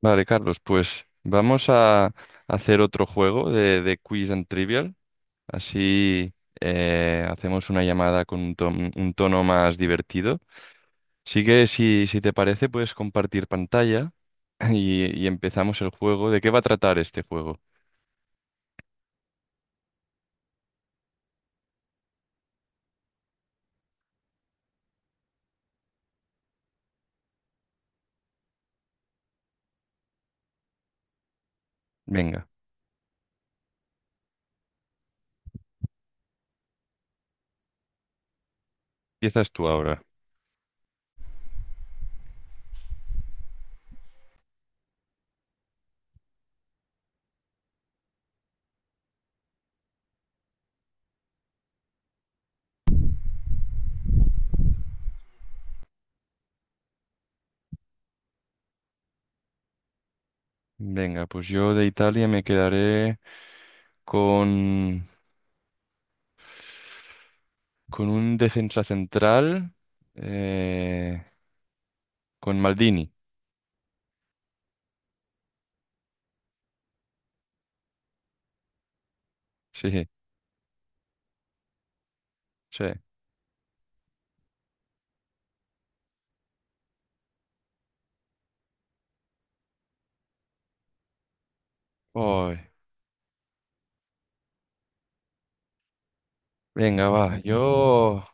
Vale, Carlos, pues vamos a hacer otro juego de quiz and trivial. Así hacemos una llamada con un tono más divertido. Así que si te parece, puedes compartir pantalla y empezamos el juego. ¿De qué va a tratar este juego? Venga, empiezas tú ahora. Venga, pues yo de Italia me quedaré con, con un defensa central, eh, con Maldini. Sí, sí. Ay, venga, va. Yo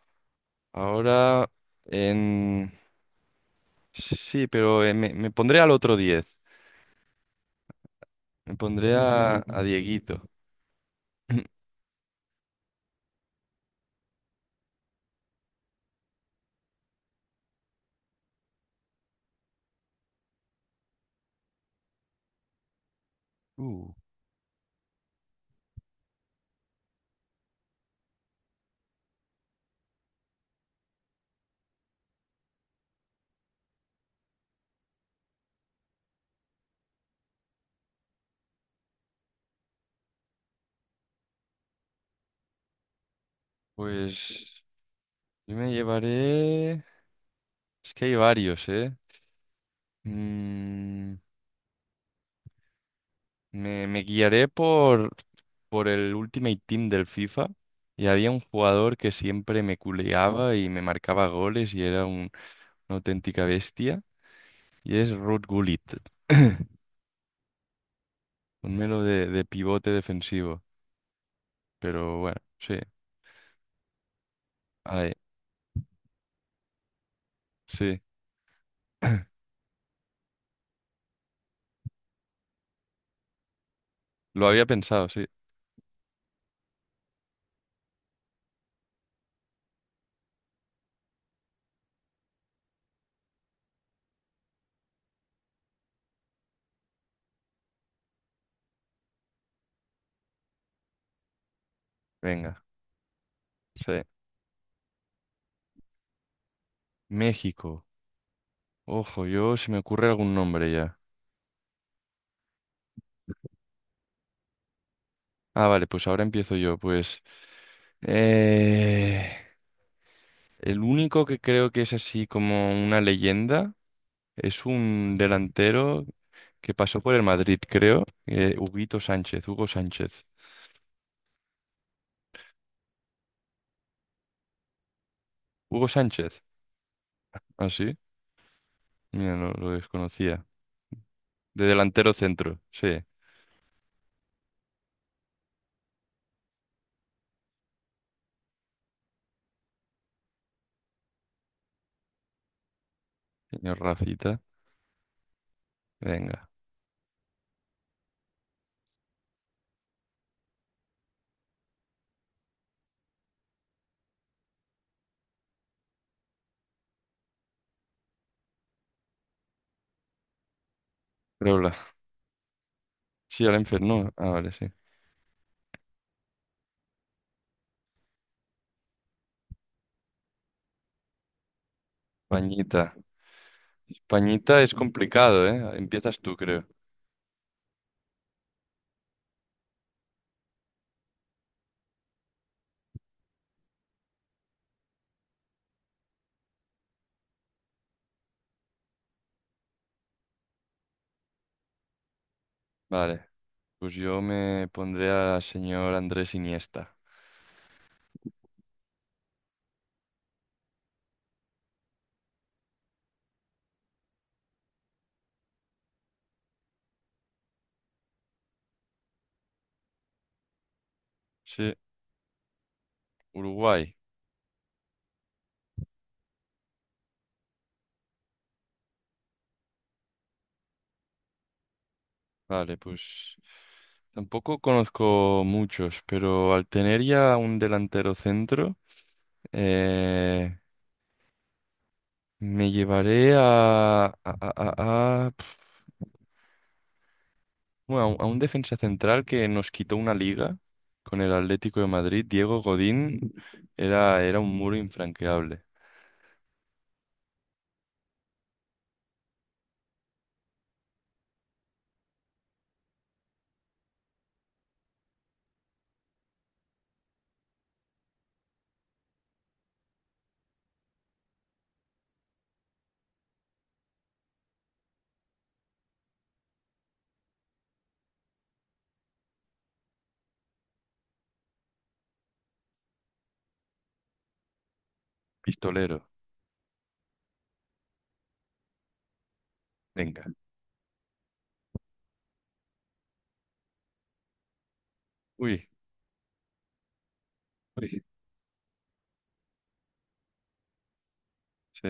ahora en... Sí, pero me pondré al otro 10. Me pondré a, Dieguito. Pues yo me llevaré... Es que hay varios, ¿eh? Mm, me guiaré por el Ultimate Team del FIFA. Y había un jugador que siempre me culeaba y me marcaba goles y era una auténtica bestia. Y es Ruud Gullit. Ponmelo de pivote defensivo. Pero bueno, sí. Ahí, sí. Lo había pensado, sí. Venga, sí. México. Ojo, yo se me ocurre algún nombre ya. Ah, vale, pues ahora empiezo yo. Pues eh, el único que creo que es así como una leyenda es un delantero que pasó por el Madrid, creo. Huguito Sánchez, Hugo Sánchez. Hugo Sánchez. Ah, sí. Mira, no lo desconocía. De delantero centro, sí. Señor Rafita. Venga. Creo sí, al enfermo. Ah, vale, sí. Pañita. Pañita es complicado, ¿eh? Empiezas tú, creo. Vale. Pues yo me pondré al señor Andrés Iniesta. Sí, Uruguay. Vale, pues tampoco conozco muchos, pero al tener ya un delantero centro, eh, me llevaré bueno, a un defensa central que nos quitó una liga con el Atlético de Madrid, Diego Godín, era, era un muro infranqueable. Pistolero. Venga. Uy, uy. Sí.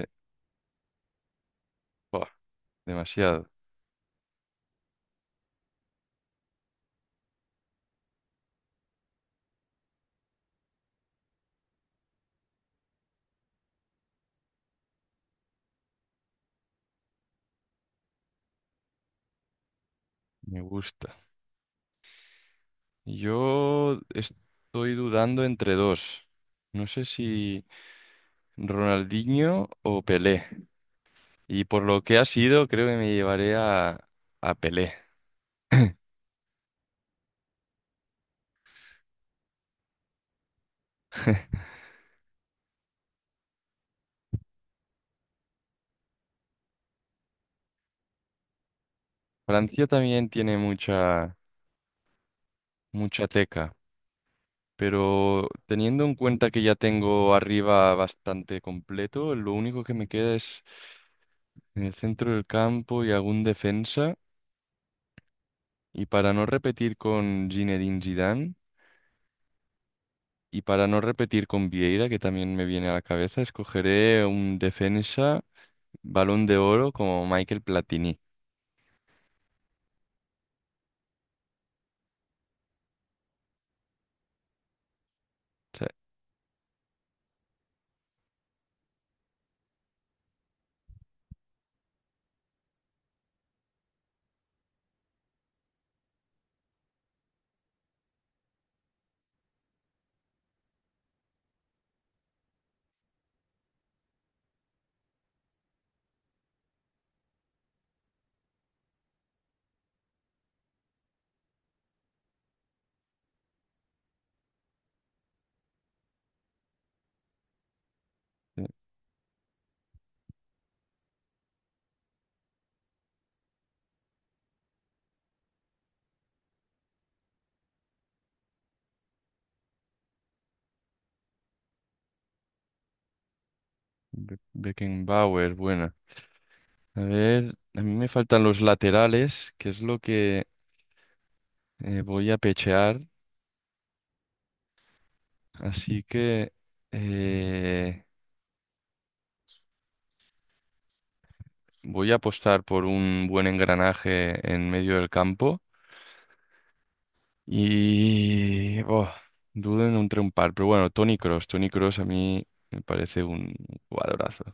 Buah, demasiado. Me gusta. Yo estoy dudando entre dos. No sé si Ronaldinho o Pelé. Y por lo que ha sido, creo que me llevaré a Pelé. Francia también tiene mucha teca. Pero teniendo en cuenta que ya tengo arriba bastante completo, lo único que me queda es en el centro del campo y algún defensa. Y para no repetir con Zinedine Zidane y para no repetir con Vieira, que también me viene a la cabeza, escogeré un defensa Balón de Oro como Michael Platini. O sea, eh, Beckenbauer, buena. A ver, a mí me faltan los laterales, que es lo que voy a pechear, así que eh, voy a apostar por un buen engranaje en medio del campo. Y oh, dudo en entre un par, pero bueno, Tony Cross, Tony Cross a mí me parece un jugadorazo.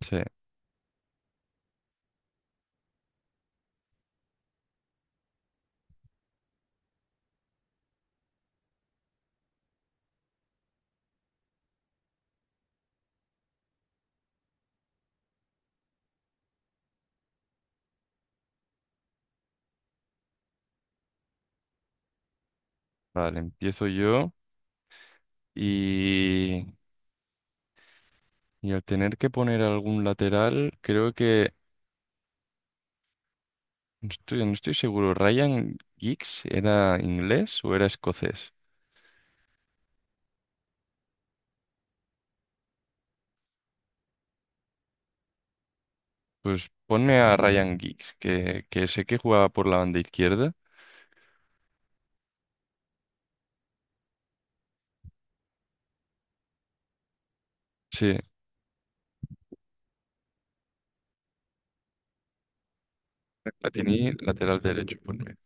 Sí, vale, empiezo yo y, y al tener que poner algún lateral, creo que no estoy seguro, ¿Ryan Giggs era inglés o era escocés? Pues ponme a Ryan Giggs, que sé que jugaba por la banda izquierda. Sí, la tenía lateral derecho, ponme.